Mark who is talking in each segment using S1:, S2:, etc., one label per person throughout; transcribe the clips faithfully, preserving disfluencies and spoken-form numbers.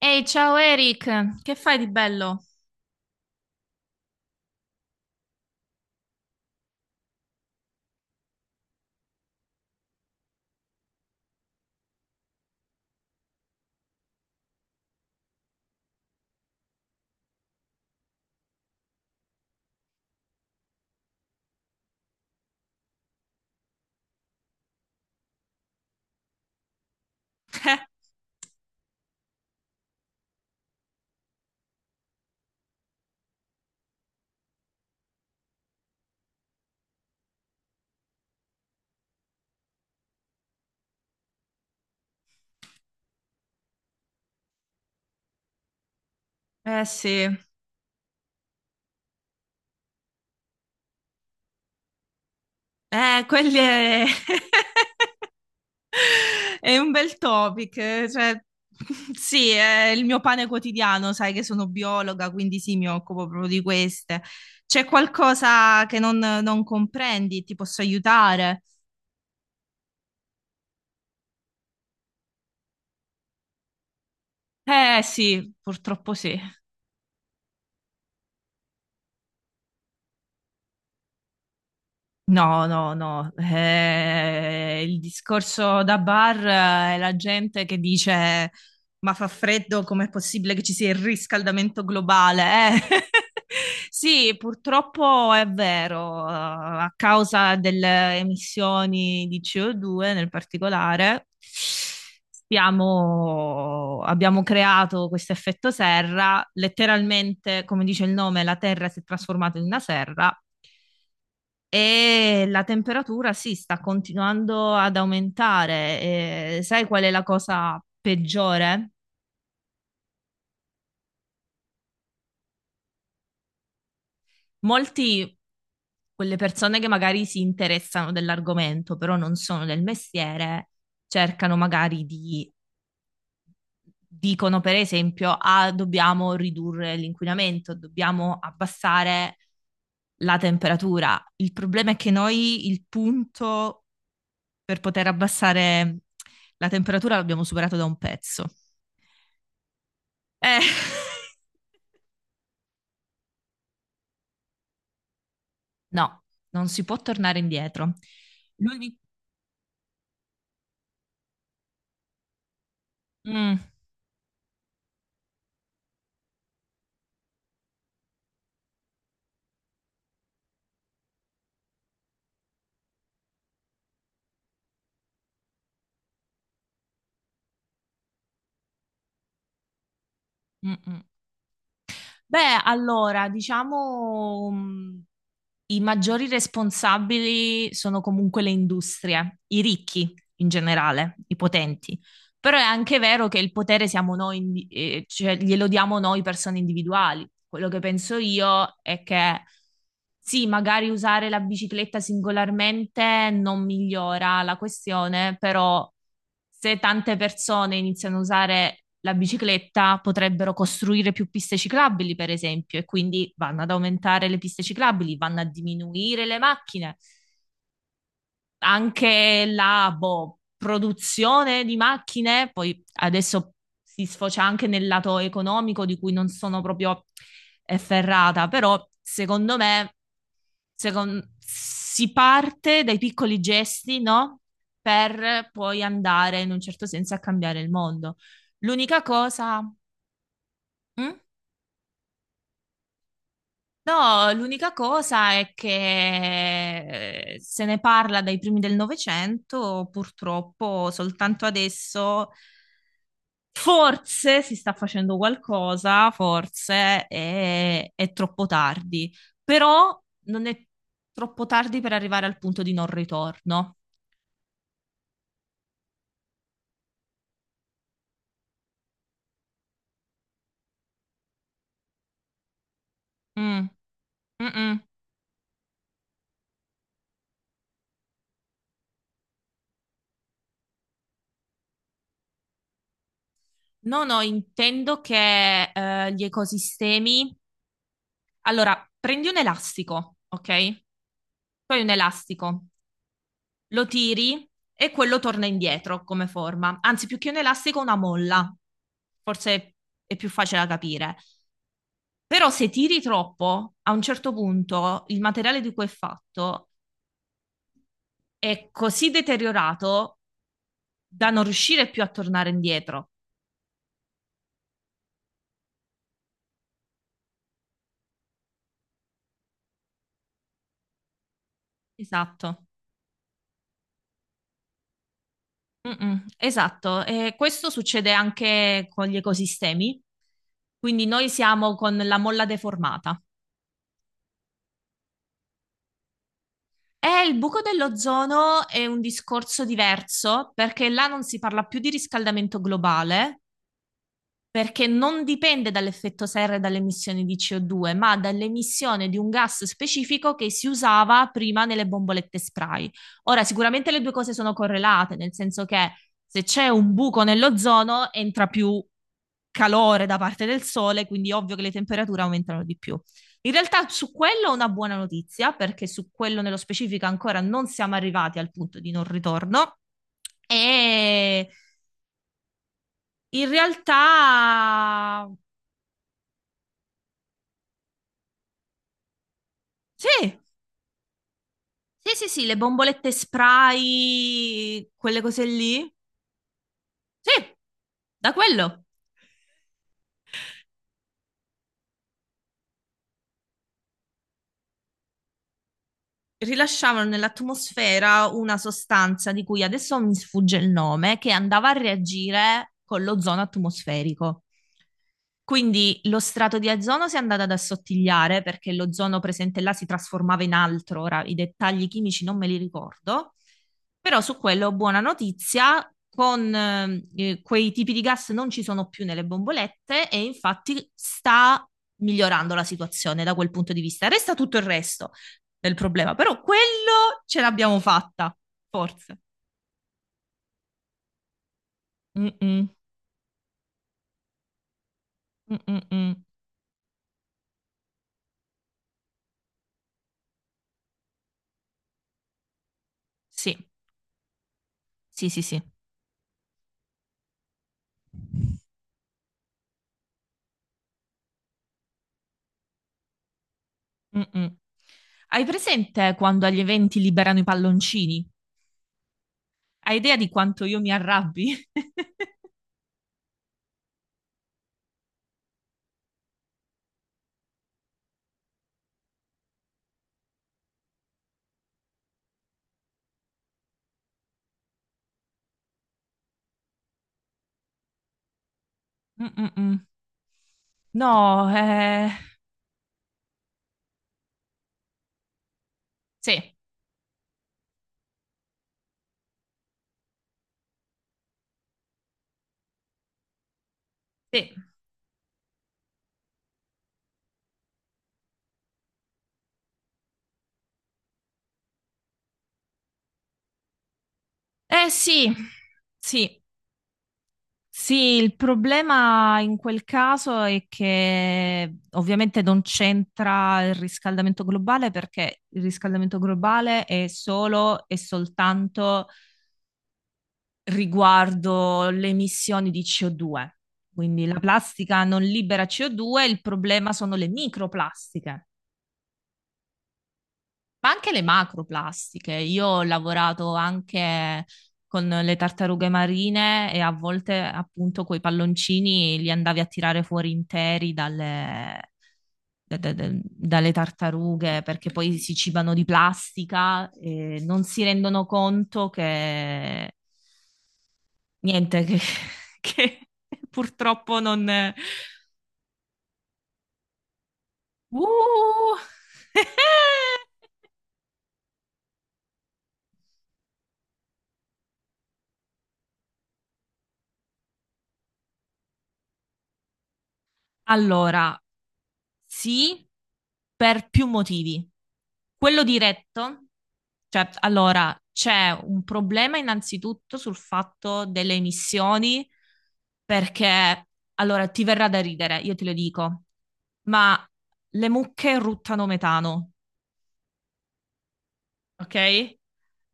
S1: Ehi, ciao Eric, che fai di bello? Eh eh sì, eh, quelli è... È un bel topic, eh, cioè sì, è il mio pane quotidiano, sai che sono biologa, quindi sì, mi occupo proprio di queste. C'è qualcosa che non, non comprendi? Ti posso aiutare? Eh sì, purtroppo sì. No, no, no. Eh, il discorso da bar eh, è la gente che dice: "Ma fa freddo, com'è possibile che ci sia il riscaldamento globale, eh?" Sì, purtroppo è vero, eh, a causa delle emissioni di ci o due nel particolare, stiamo- abbiamo creato questo effetto serra, letteralmente, come dice il nome, la Terra si è trasformata in una serra e la temperatura sì, sta continuando ad aumentare. E sai qual è la cosa peggiore? Molti, quelle persone che magari si interessano dell'argomento, però non sono del mestiere, cercano magari di, dicono per esempio: "Ah, dobbiamo ridurre l'inquinamento, dobbiamo abbassare la temperatura". Il problema è che noi il punto per poter abbassare la temperatura l'abbiamo superato da un pezzo. Eh, No, non si può tornare indietro. L'uni- Mm, mm, mm. Beh, allora, diciamo, mm, i maggiori responsabili sono comunque le industrie, i ricchi in generale, i potenti. Però è anche vero che il potere siamo noi, indi- eh, cioè glielo diamo noi persone individuali. Quello che penso io è che sì, magari usare la bicicletta singolarmente non migliora la questione, però se tante persone iniziano a usare la bicicletta, potrebbero costruire più piste ciclabili, per esempio, e quindi vanno ad aumentare le piste ciclabili, vanno a diminuire le macchine. Anche la boh, produzione di macchine, poi adesso si sfocia anche nel lato economico di cui non sono proprio efferrata, però secondo me secon- si parte dai piccoli gesti, no? Per poi andare in un certo senso a cambiare il mondo. L'unica cosa, mm? No, l'unica cosa è che eh, se ne parla dai primi del Novecento, purtroppo soltanto adesso forse si sta facendo qualcosa, forse è, è troppo tardi, però non è troppo tardi per arrivare al punto di non ritorno. Mm. Mm-mm. No, no, intendo che eh, gli ecosistemi. Allora, prendi un elastico, ok? Poi un elastico, lo tiri e quello torna indietro come forma. Anzi, più che un elastico, una molla. Forse è più facile da capire. Però se tiri troppo, a un certo punto il materiale di cui è fatto è così deteriorato da non riuscire più a tornare indietro. Esatto. Mm-mm, esatto, e questo succede anche con gli ecosistemi, quindi noi siamo con la molla deformata. E il buco dell'ozono è un discorso diverso perché là non si parla più di riscaldamento globale, perché non dipende dall'effetto serra e dalle emissioni di ci o due, ma dall'emissione di un gas specifico che si usava prima nelle bombolette spray. Ora, sicuramente le due cose sono correlate, nel senso che se c'è un buco nell'ozono, entra più calore da parte del sole, quindi è ovvio che le temperature aumentano di più. In realtà su quello è una buona notizia, perché su quello nello specifico ancora non siamo arrivati al punto di non ritorno. E in realtà sì. Sì, sì, sì, le bombolette spray, quelle cose lì. Sì, da quello. Rilasciavano nell'atmosfera una sostanza di cui adesso mi sfugge il nome, che andava a reagire con l'ozono atmosferico. Quindi lo strato di ozono si è andato ad assottigliare perché l'ozono presente là si trasformava in altro, ora i dettagli chimici non me li ricordo, però su quello buona notizia, con eh, eh, quei tipi di gas non ci sono più nelle bombolette e infatti sta migliorando la situazione da quel punto di vista. Resta tutto il resto, del problema, però quello ce l'abbiamo fatta, forse. Mm-mm, mm-mm-mm. Sì, sì, sì, sì. Mm-mm. Hai presente quando agli eventi liberano i palloncini? Hai idea di quanto io mi arrabbi? Mm-mm-mm. No, eh... Sì, sì. Eh sì, sì. Sì, il problema in quel caso è che ovviamente non c'entra il riscaldamento globale perché il riscaldamento globale è solo e soltanto riguardo le emissioni di ci o due. Quindi la plastica non libera ci o due, il problema sono le microplastiche. Ma anche le macroplastiche. Io ho lavorato anche con le tartarughe marine e a volte appunto quei palloncini li andavi a tirare fuori interi dalle, da- da- da- dalle tartarughe perché poi si cibano di plastica e non si rendono conto che niente, che, che purtroppo non... Uh! Allora, sì, per più motivi. Quello diretto, cioè, allora, c'è un problema innanzitutto sul fatto delle emissioni, perché, allora, ti verrà da ridere, io te lo dico, ma le mucche ruttano metano, ok?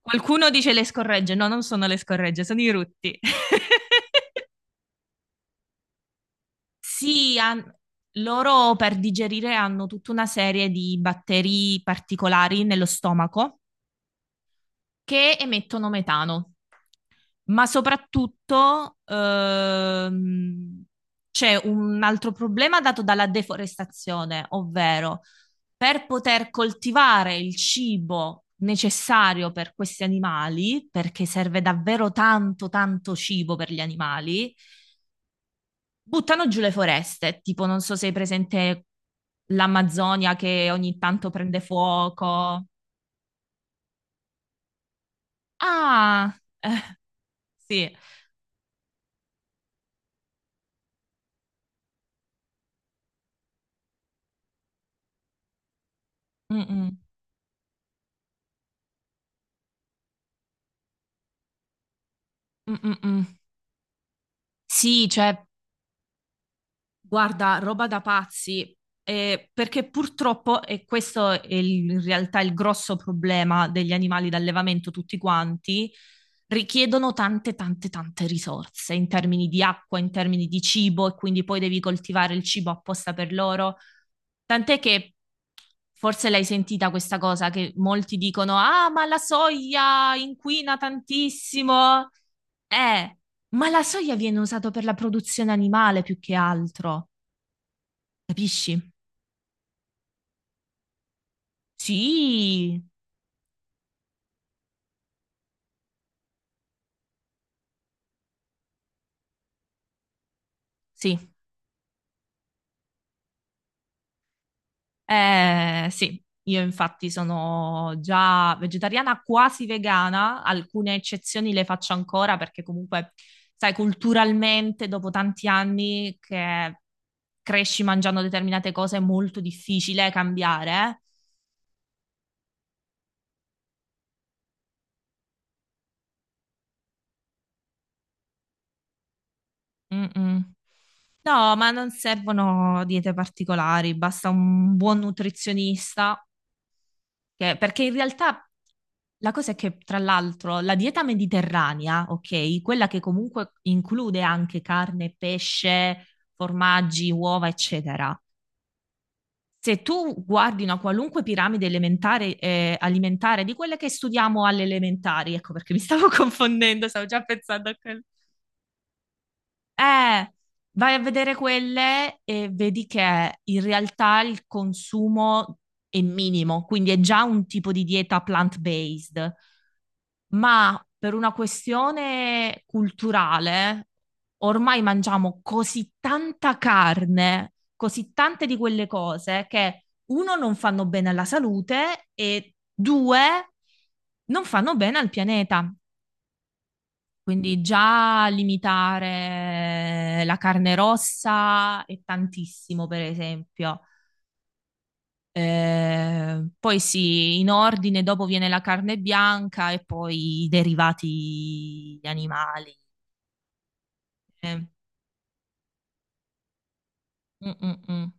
S1: Qualcuno dice le scorregge, no, non sono le scorregge, sono i rutti. Sì, han- loro per digerire hanno tutta una serie di batteri particolari nello stomaco che emettono metano, ma soprattutto ehm, c'è un altro problema dato dalla deforestazione, ovvero per poter coltivare il cibo necessario per questi animali, perché serve davvero tanto, tanto cibo per gli animali. Buttano giù le foreste, tipo non so se hai presente l'Amazzonia che ogni tanto prende fuoco. Ah, sì. Mm-mm. Mm-mm-mm. Sì, cioè guarda, roba da pazzi, eh, perché purtroppo, e questo è il- in realtà il grosso problema degli animali d'allevamento tutti quanti, richiedono tante, tante, tante risorse in termini di acqua, in termini di cibo, e quindi poi devi coltivare il cibo apposta per loro. Tant'è che forse l'hai sentita questa cosa che molti dicono: "Ah, ma la soia inquina tantissimo". Eh, ma la soia viene usata per la produzione animale più che altro. Capisci? Sì, sì, eh, sì, io infatti sono già vegetariana quasi vegana, alcune eccezioni le faccio ancora perché comunque, sai, culturalmente dopo tanti anni che cresci mangiando determinate cose è molto difficile cambiare. Mm, mm. No, ma non servono diete particolari, basta un buon nutrizionista. Che- perché in realtà la cosa è che, tra l'altro, la dieta mediterranea, ok, quella che comunque include anche carne, pesce, formaggi, uova, eccetera. Se tu guardi una qualunque piramide elementare, eh, alimentare, di quelle che studiamo alle elementari, ecco perché mi stavo confondendo, stavo già pensando a quello. Eh, vai a vedere quelle e vedi che in realtà il consumo è minimo, quindi è già un tipo di dieta plant-based. Ma per una questione culturale, ormai mangiamo così tanta carne, così tante di quelle cose che uno non fanno bene alla salute e due non fanno bene al pianeta. Quindi già limitare la carne rossa è tantissimo, per esempio. Eh, poi sì, in ordine, dopo viene la carne bianca e poi i derivati animali. Eh, mm, mm, mm.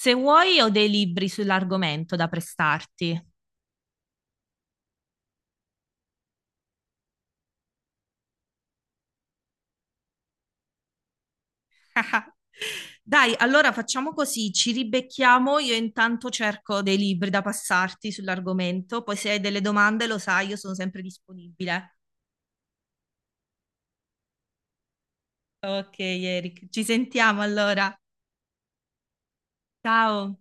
S1: Se vuoi, ho dei libri sull'argomento da prestarti. Dai, allora facciamo così, ci ribecchiamo, io intanto cerco dei libri da passarti sull'argomento, poi se hai delle domande lo sai, io sono sempre disponibile. Ok, Eric, ci sentiamo allora. Ciao.